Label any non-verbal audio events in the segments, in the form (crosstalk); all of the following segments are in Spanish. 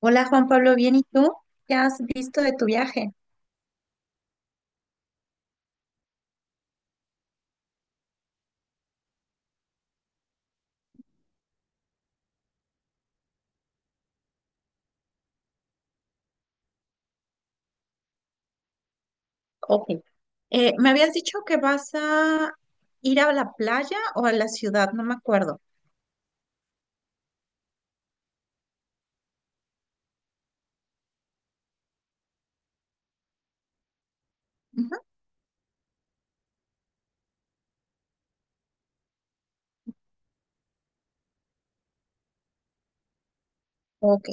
Hola Juan Pablo, ¿bien y tú? ¿Qué has visto de tu viaje? Ok. Me habías dicho que vas a ir a la playa o a la ciudad, no me acuerdo. Ujú. Ok,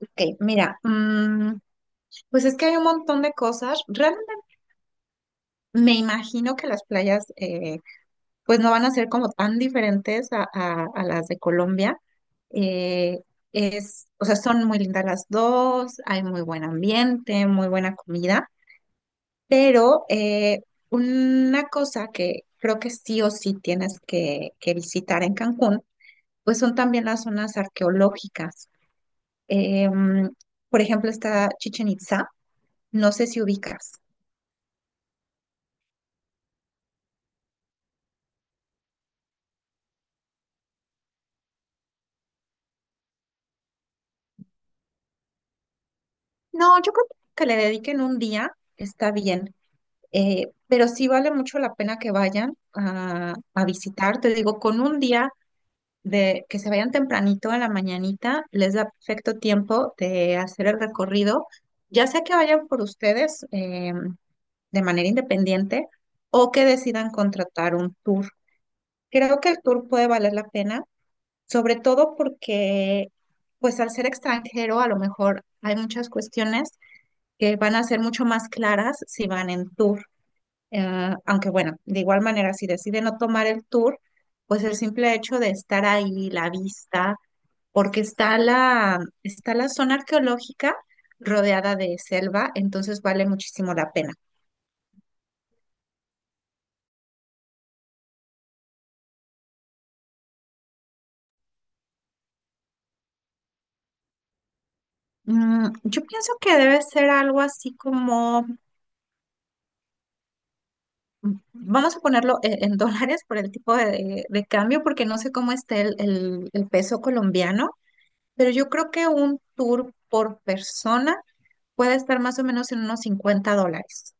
ok. Mira, pues es que hay un montón de cosas. Realmente me imagino que las playas pues no van a ser como tan diferentes a las de Colombia. Eh, es, o sea, son muy lindas las dos, hay muy buen ambiente, muy buena comida. Pero una cosa que creo que sí o sí tienes que visitar en Cancún, pues son también las zonas arqueológicas. Eh, mm, por ejemplo, está Chichen Itza, no sé si ubicas. No, yo creo que le dediquen un día, está bien. Pero sí vale mucho la pena que vayan a visitar. Te digo, con un día de que se vayan tempranito en la mañanita, les da perfecto tiempo de hacer el recorrido, ya sea que vayan por ustedes de manera independiente o que decidan contratar un tour. Creo que el tour puede valer la pena, sobre todo porque, pues al ser extranjero, a lo mejor hay muchas cuestiones que van a ser mucho más claras si van en tour. Aunque bueno, de igual manera, si deciden no tomar el tour, pues el simple hecho de estar ahí, la vista, porque está está la zona arqueológica rodeada de selva, entonces vale muchísimo la pena. Yo pienso que debe ser algo así como, vamos a ponerlo en, (laughs) dólares por el tipo de cambio, porque no sé cómo está el peso colombiano, pero yo creo que un tour por persona puede estar más o menos en unos $50.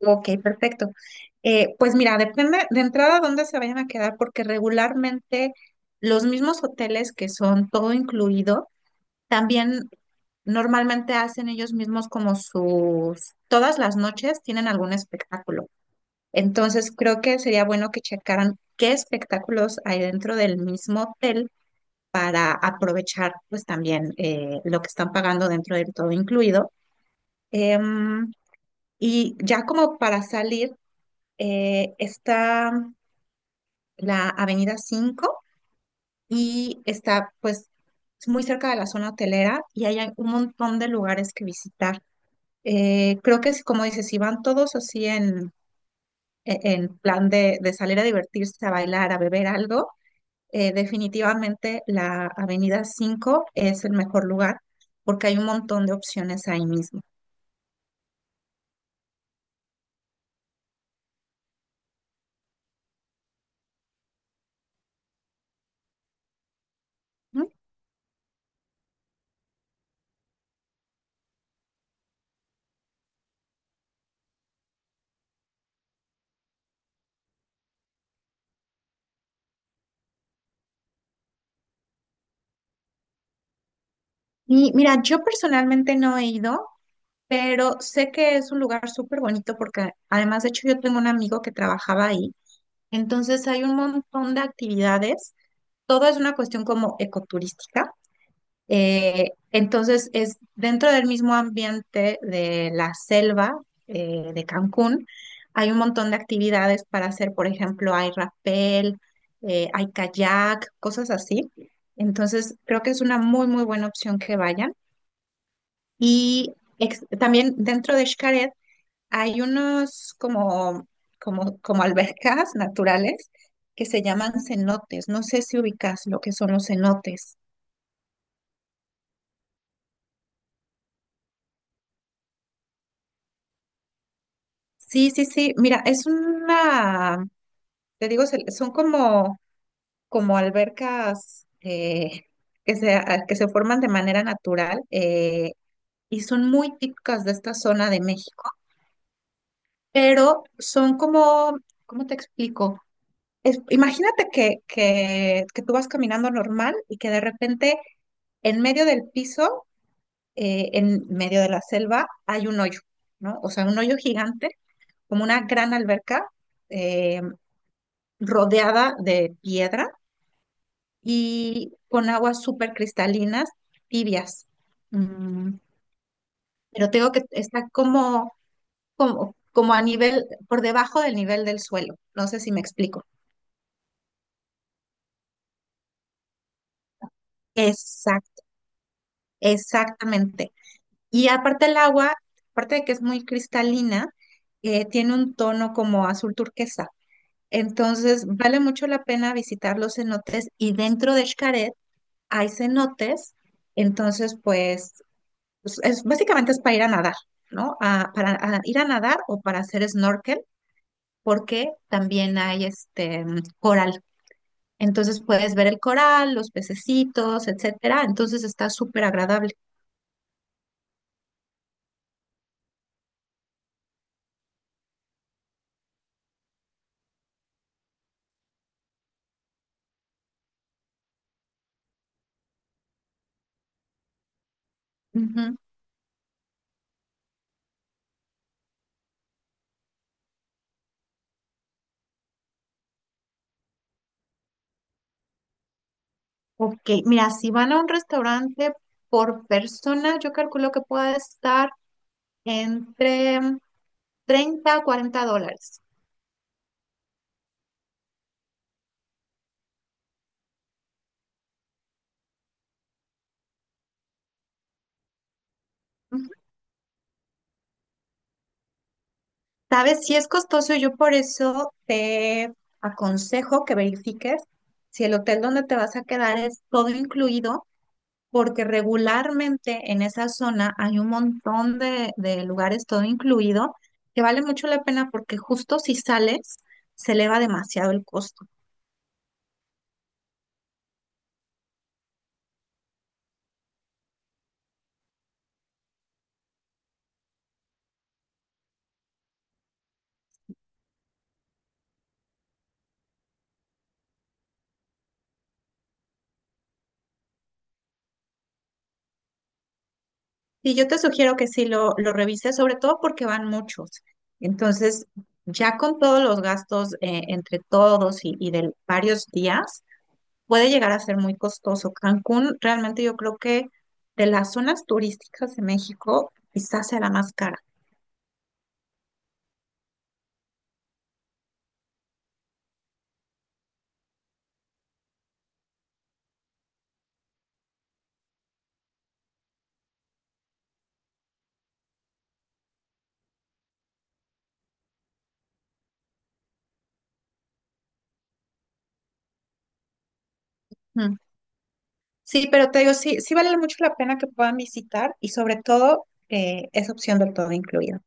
Ok, perfecto. Pues mira, depende de entrada dónde se vayan a quedar, porque regularmente los mismos hoteles que son todo incluido, también normalmente hacen ellos mismos como sus, todas las noches tienen algún espectáculo. Entonces creo que sería bueno que checaran qué espectáculos hay dentro del mismo hotel, a aprovechar pues también lo que están pagando dentro del todo incluido. Em, y ya como para salir. Está la Avenida Cinco y está pues muy cerca de la zona hotelera y ahí hay un montón de lugares que visitar. Creo que es como dices, si van todos así en, en plan de salir a divertirse, a bailar, a beber algo, definitivamente la Avenida Cinco es el mejor lugar porque hay un montón de opciones ahí mismo. ¿No? Y mira, yo personalmente no he ido, pero sé que es un lugar súper bonito porque además, de hecho, yo tengo un amigo que trabajaba ahí, entonces hay un montón de actividades, todo es una cuestión como ecoturística, entonces es dentro del mismo ambiente de la selva de Cancún, hay un montón de actividades para hacer, por ejemplo, hay rappel, hay kayak, cosas así, entonces creo que es una muy, muy buena opción que vayan y también dentro de Xcaret, hay unos como, como albercas naturales que se llaman cenotes. No sé si ubicas lo que son los cenotes. Sí, sí, sí. Mira, es una, te digo, son como, como albercas que se, que se forman de manera natural y son muy típicas de esta zona de México, pero son como, ¿cómo te explico? Imagínate que tú vas caminando normal y que de repente en medio del piso, en medio de la selva, hay un hoyo, ¿no? O sea, un hoyo gigante, como una gran alberca eh, rodeada de piedra y con aguas súper cristalinas, tibias. Mm, pero tengo que está como, como a nivel, por debajo del nivel del suelo. No sé si me explico. Exact, exactamente. Y aparte el agua, aparte de que es muy cristalina, tiene un tono como azul turquesa. Entonces, vale mucho la pena visitar los cenotes y dentro de Xcaret hay cenotes. Entonces, pues, es, básicamente es para ir a nadar, ¿no? Para a ir a nadar o para hacer snorkel, porque también hay este coral. Entonces puedes ver el coral, los pececitos, etcétera. Entonces está súper agradable. Ok, mira, si van a un restaurante por persona, yo calculo que puede estar entre $30 a $40. Ujú. Sabes, si es costoso, yo por eso te aconsejo que verifiques si el hotel donde te vas a quedar es todo incluido, porque regularmente en esa zona hay un montón de lugares todo incluido que vale mucho la pena porque justo si sales, se eleva demasiado el costo. Sí, yo te sugiero que sí lo revises, sobre todo porque van muchos. Entonces, ya con todos los gastos entre todos y de varios días, puede llegar a ser muy costoso. Cancún, realmente yo creo que de las zonas turísticas de México, quizás sea la más cara. Mm. Sí, pero te digo, sí, sí vale mucho la pena que puedan visitar y sobre todo es opción del todo incluido.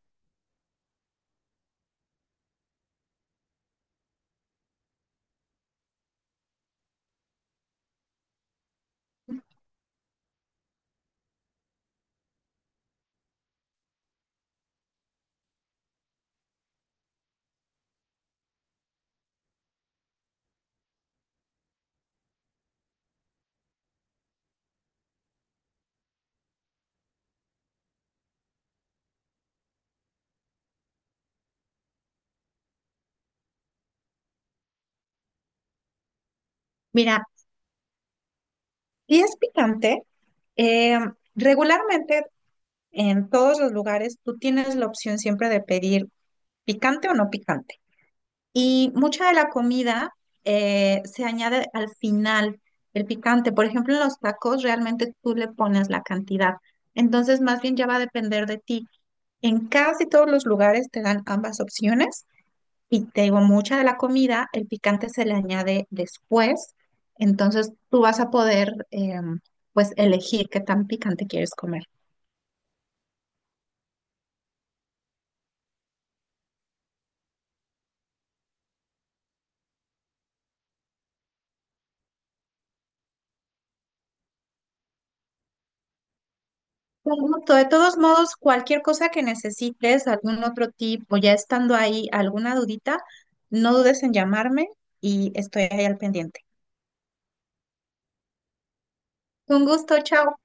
Mira, si es picante, eh, regularmente en todos los lugares tú tienes la opción siempre de pedir picante o no picante. Y mucha de la comida se añade al final el picante. Por ejemplo, en los tacos realmente tú le pones la cantidad. Entonces, más bien ya va a depender de ti. En casi todos los lugares te dan ambas opciones y te digo, mucha de la comida, el picante se le añade después. Entonces, tú vas a poder, pues, elegir qué tan picante quieres comer. Con gusto. De todos modos, cualquier cosa que necesites, algún otro tipo, ya estando ahí, alguna dudita, no dudes en llamarme y estoy ahí al pendiente. Con gusto, chao.